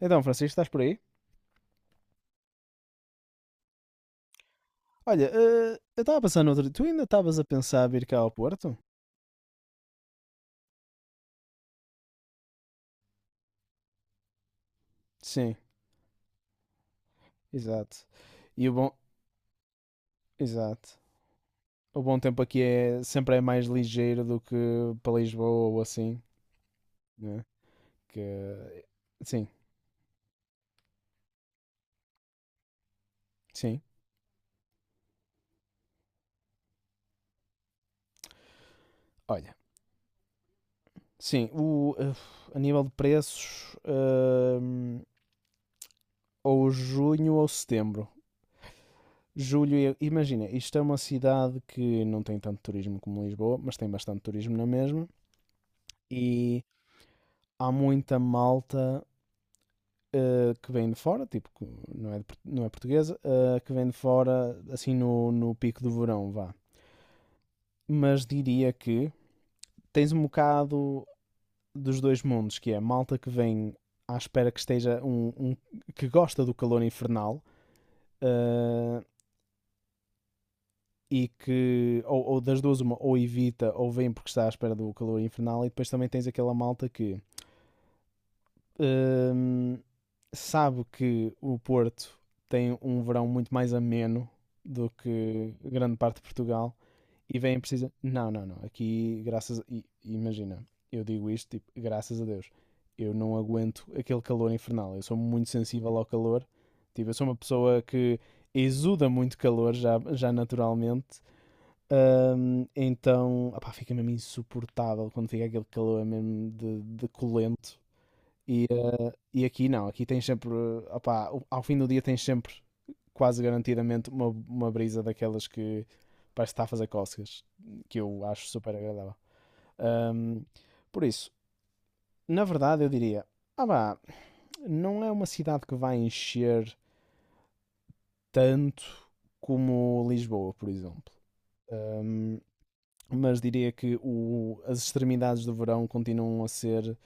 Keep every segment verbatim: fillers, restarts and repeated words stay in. Então, Francisco, estás por aí? Olha, eh, eu estava a pensar no outro dia. Tu ainda estavas a pensar vir cá ao Porto? Sim, exato. E o bom. Exato. O bom tempo aqui é sempre é mais ligeiro do que para Lisboa ou assim, né? Que. Sim, sim. Olha, sim, o, eh, a nível de preços, hum, ou junho ou setembro. Julho, e- imagina, isto é uma cidade que não tem tanto turismo como Lisboa, mas tem bastante turismo na mesma. E há muita malta eh, que vem de fora, tipo, não é, de não é portuguesa, eh, que vem de fora, assim, no, no pico do verão, vá. Mas diria que tens um bocado dos dois mundos, que é malta que vem à espera que esteja um, um- que gosta do calor infernal, eh, e que, ou, ou das duas uma, ou evita ou vem porque está à espera do calor infernal. E depois também tens aquela malta que hum, sabe que o Porto tem um verão muito mais ameno do que grande parte de Portugal e vem precisa. Não, não, não. Aqui, graças. a- i- Imagina, eu digo isto, tipo, graças a Deus. Eu não aguento aquele calor infernal. Eu sou muito sensível ao calor. Tipo, eu sou uma pessoa que exuda muito calor já, já naturalmente. Hum, então, opá, fica mesmo insuportável quando fica aquele calor mesmo de, de colento. E, eh, e aqui não, aqui tens sempre, eh, opá, o- ao fim do dia tens sempre quase garantidamente uma, uma brisa daquelas que parece que está a fazer cócegas, que eu acho super agradável. Ahm, por isso, na verdade eu diria, ah vá, não é uma cidade que vai encher tanto como Lisboa, por exemplo. Ahm, mas diria que o- as extremidades do verão continuam a ser,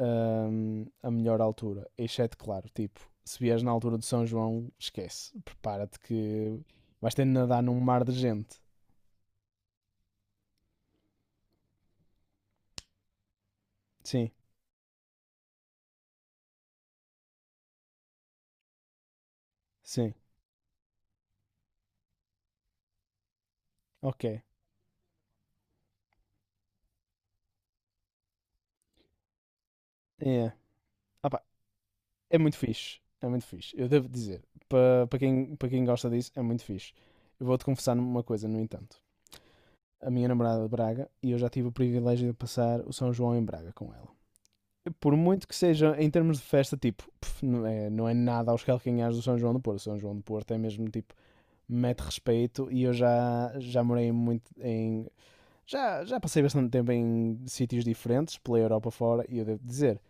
hum, a melhor altura. Exceto, claro, tipo, se vieres na altura de São João, esquece. Prepara-te que vais ter de nadar num mar de gente. Sim, sim. Ok. É. Ah pá, é muito fixe. É muito fixe. Eu devo dizer, para pa quem, pa quem gosta disso, é muito fixe. Eu vou-te confessar uma coisa, no entanto. A minha namorada é de Braga e eu já tive o privilégio de passar o São João em Braga com ela. Por muito que seja, em termos de festa, tipo, pff, não, é, não é nada aos calcanhares do São João do Porto. O São João do Porto é mesmo tipo mete respeito e eu já, já morei muito em. Já, já passei bastante tempo em sítios diferentes, pela Europa fora, e eu devo dizer,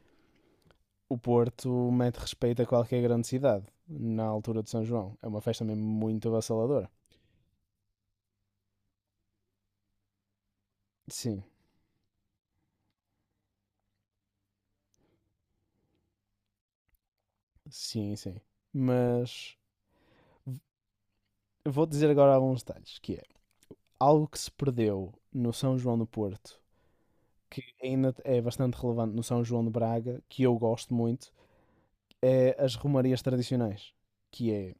o Porto mete respeito a qualquer grande cidade, na altura de São João. É uma festa mesmo muito avassaladora. Sim, sim, sim. Mas vou dizer agora alguns detalhes, que é algo que se perdeu no São João do Porto, que ainda é bastante relevante no São João de Braga, que eu gosto muito, é as romarias tradicionais, que é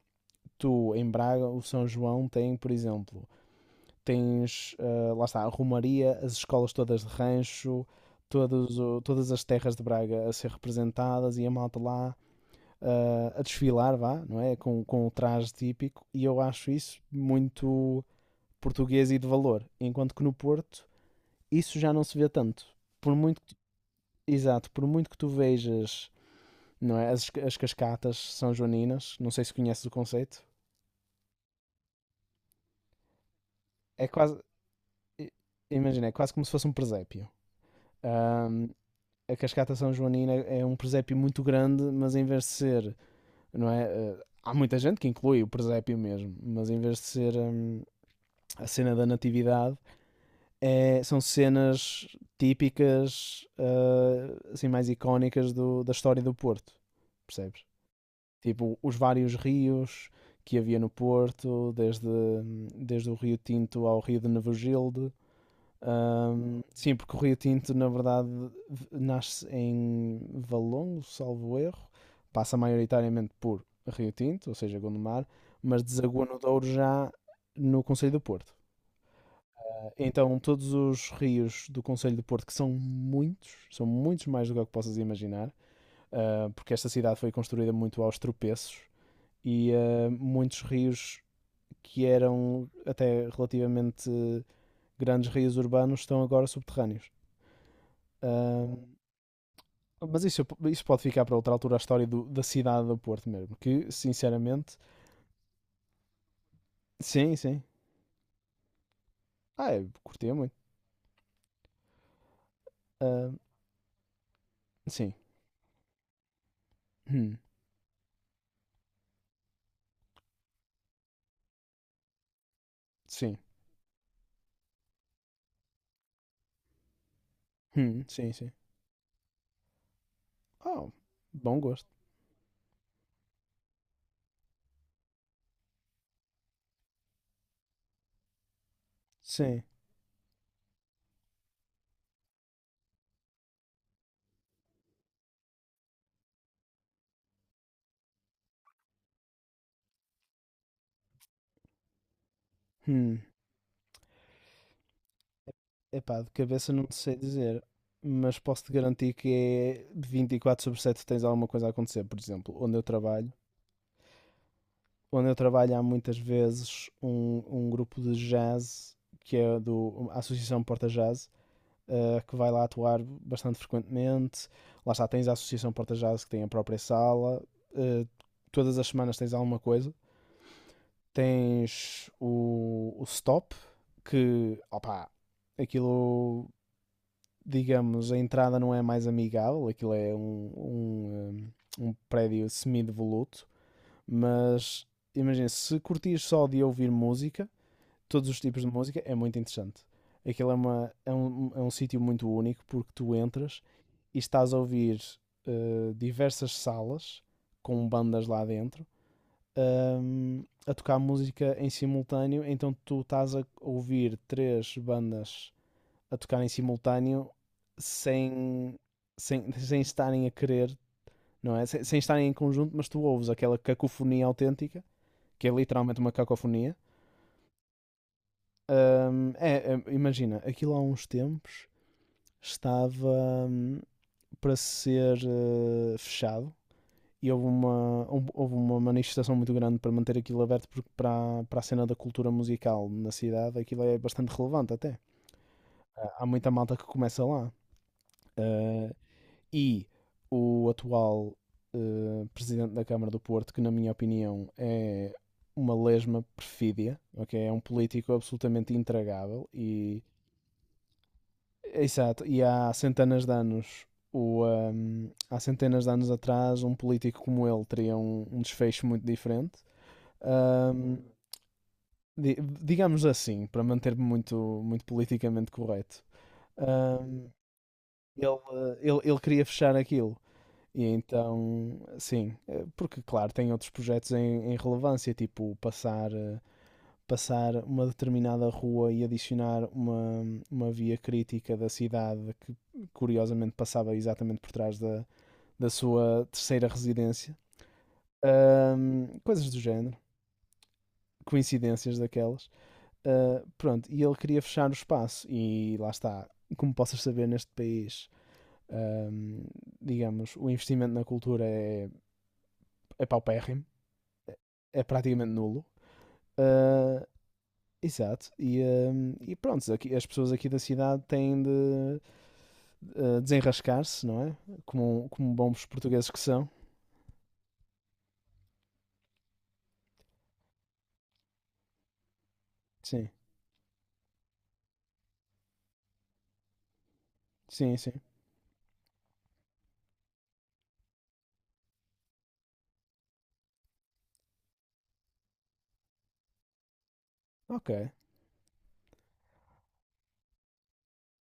tu em Braga. O São João tem, por exemplo, tens, eh, lá está, a Romaria, as escolas todas de rancho, todos, o- todas as terras de Braga a ser representadas e a malta lá, eh, a desfilar, vá, não é? Com, com o traje típico, e eu acho isso muito português e de valor, enquanto que no Porto isso já não se vê tanto. Por muito, exato, por muito que tu vejas, não é? As, as cascatas são joaninas, não sei se conheces o conceito. É quase, imagina, é quase como se fosse um presépio. Ahm, a cascata São Joanina é um presépio muito grande, mas em vez de ser, não é? Eh, há muita gente que inclui o presépio mesmo, mas em vez de ser, hum, a cena da natividade, é- são cenas típicas, eh, assim, mais icónicas do- da história do Porto, percebes? Tipo, os vários rios que havia no Porto, desde, hum, desde o Rio Tinto ao Rio de Nevogilde. Ahm, sim, porque o Rio Tinto, na verdade, v- nasce em Valongo, salvo erro, passa maioritariamente por Rio Tinto, ou seja, Gondomar, mas desagua no Douro já no Conselho do Porto. Então, todos os rios do Conselho do Porto, que são muitos, são muitos mais do que o que possas imaginar, ah, porque esta cidade foi construída muito aos tropeços e, ah, muitos rios que eram até relativamente grandes rios urbanos estão agora subterrâneos. Ahm, Mas isso, isso pode ficar para outra altura, a história do- da cidade do Porto mesmo. Que, sinceramente, sim, sim. Ah, eu curtia muito. Ah, sim. Hum, sim. Hum, sim, sim. Oh, bom gosto. Sim. Hum. Epá, de cabeça não te sei dizer. Mas posso-te garantir que é vinte e quatro sobre sete, tens alguma coisa a acontecer. Por exemplo, onde eu trabalho. Onde eu trabalho há muitas vezes um, um grupo de jazz que é do a Associação Porta Jazz, uh, que vai lá atuar bastante frequentemente. Lá está, tens a Associação Porta Jazz que tem a própria sala. Uh, Todas as semanas tens alguma coisa. Tens o, o Stop, que, opá, aquilo, digamos, a entrada não é mais amigável, aquilo é um, um, eh, um prédio semi-devoluto, mas imagina, se curtires só de ouvir música, todos os tipos de música, é muito interessante. Aquilo é, uma, é um, é um sítio muito único porque tu entras e estás a ouvir, eh, diversas salas com bandas lá dentro, ahm, a tocar música em simultâneo. Então tu estás a ouvir três bandas a tocar em simultâneo sem, sem, sem estarem a querer, não é? Sem, sem estarem em conjunto, mas tu ouves aquela cacofonia autêntica, que é literalmente uma cacofonia. Ahm, é, é, imagina, aquilo há uns tempos estava, hum, para ser, eh, fechado, e houve uma, um, houve uma manifestação muito grande para manter aquilo aberto, porque para, para a cena da cultura musical na cidade aquilo é bastante relevante até. Há muita malta que começa lá. Uh, e o atual, uh, presidente da Câmara do Porto, que na minha opinião é uma lesma perfídia, ok? É um político absolutamente intragável. E exato, e há centenas de anos, o, um, há centenas de anos atrás um político como ele teria um, um desfecho muito diferente. Ahm, di- Digamos assim, para manter-me muito, muito politicamente correto. Ahm, ele, eh, ele, ele queria fechar aquilo. E então, sim, eh, porque, claro, tem outros projetos em, em relevância, tipo passar, eh, passar uma determinada rua e adicionar uma, uma via crítica da cidade que, curiosamente, passava exatamente por trás da, da sua terceira residência. Ahm, coisas do género, coincidências daquelas. Uh, pronto, e ele queria fechar o espaço, e lá está. Como possas saber, neste país, um, digamos, o investimento na cultura é, é paupérrimo, é praticamente nulo. Uh, Exato, e, um, e pronto, aqui, as pessoas aqui da cidade têm de, uh, desenrascar-se, não é? Como, como bons portugueses que são. Sim, sim, sim. Ok.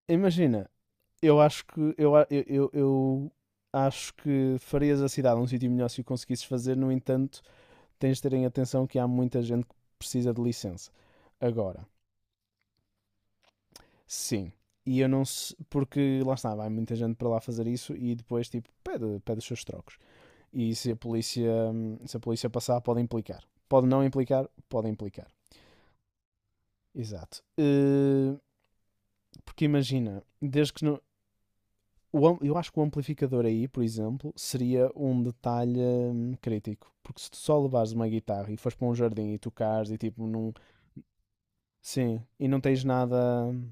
Imagina, eu acho que eu, eu, eu, eu acho que farias a cidade um sítio melhor se o conseguisses fazer. No entanto, tens de terem atenção que há muita gente que precisa de licença. Agora, sim. E eu não sei, porque lá está, vai muita gente para lá fazer isso e depois, tipo, pede, pede os seus trocos. E se a polícia, se a polícia passar, pode implicar. Pode não implicar, pode implicar. Exato. Uh, porque imagina, desde que não, o, eu acho que o amplificador aí, por exemplo, seria um detalhe, hum, crítico. Porque se tu só levares uma guitarra e fores para um jardim e tocares e tipo não. Sim, e não tens nada. hum,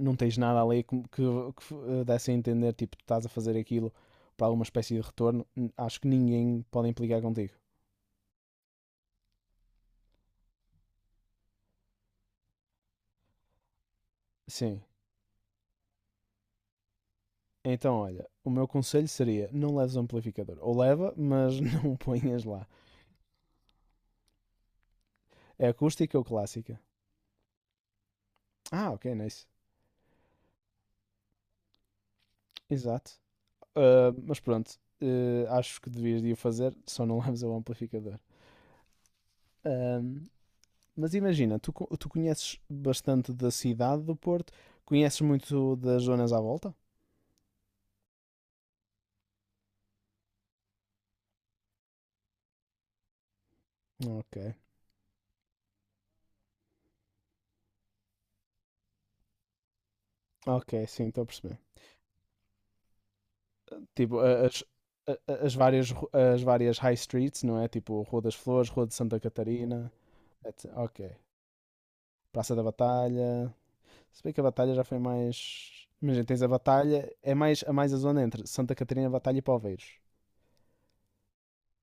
Não tens nada ali que, que, que eh, desse a entender, tipo, tu estás a fazer aquilo para alguma espécie de retorno. Acho que ninguém pode implicar contigo. Sim. Então, olha, o meu conselho seria não leves o amplificador. Ou leva, mas não ponhas lá. É acústica ou clássica? Ah, ok, nice. Exato. Uh, mas pronto, uh, acho que devias de o fazer, só não leves o amplificador. Um, mas imagina, tu, tu conheces bastante da cidade do Porto, conheces muito das zonas à volta? Ok. Ok, sim, estou a perceber. Tipo, a- as, a- a- as, várias, ru- as várias high streets, não é? Tipo, Rua das Flores, Rua de Santa Catarina, etecétera. Ok. Praça da Batalha. Se bem que a Batalha já foi mais. Imagina, tens a Batalha, é mais, a mais a zona entre Santa Catarina, Batalha e Poveiros.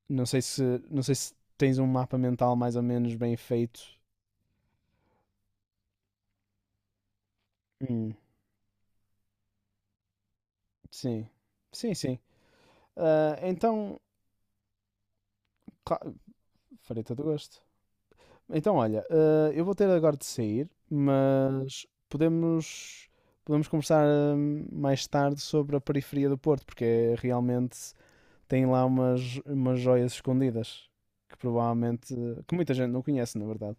Não sei se, não sei se tens um mapa mental mais ou menos bem feito. Hum, sim. Sim, sim. Ah, então, claro, farei todo o gosto. Então, olha, eh, eu vou ter agora de sair, mas podemos, podemos conversar, hum, mais tarde, sobre a periferia do Porto, porque é, realmente tem lá umas, umas joias escondidas que provavelmente, eh, que muita gente não conhece, na verdade.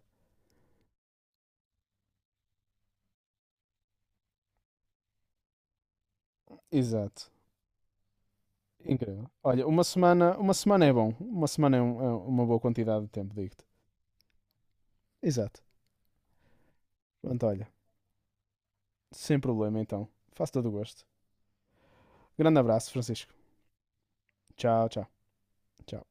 Exato. Incrível. Olha, uma semana, uma semana é bom. Uma semana é, um- é uma boa quantidade de tempo, digo-te. Exato. Pronto, olha, sem problema então. Faço todo o gosto. Grande abraço, Francisco. Tchau, tchau. Tchau.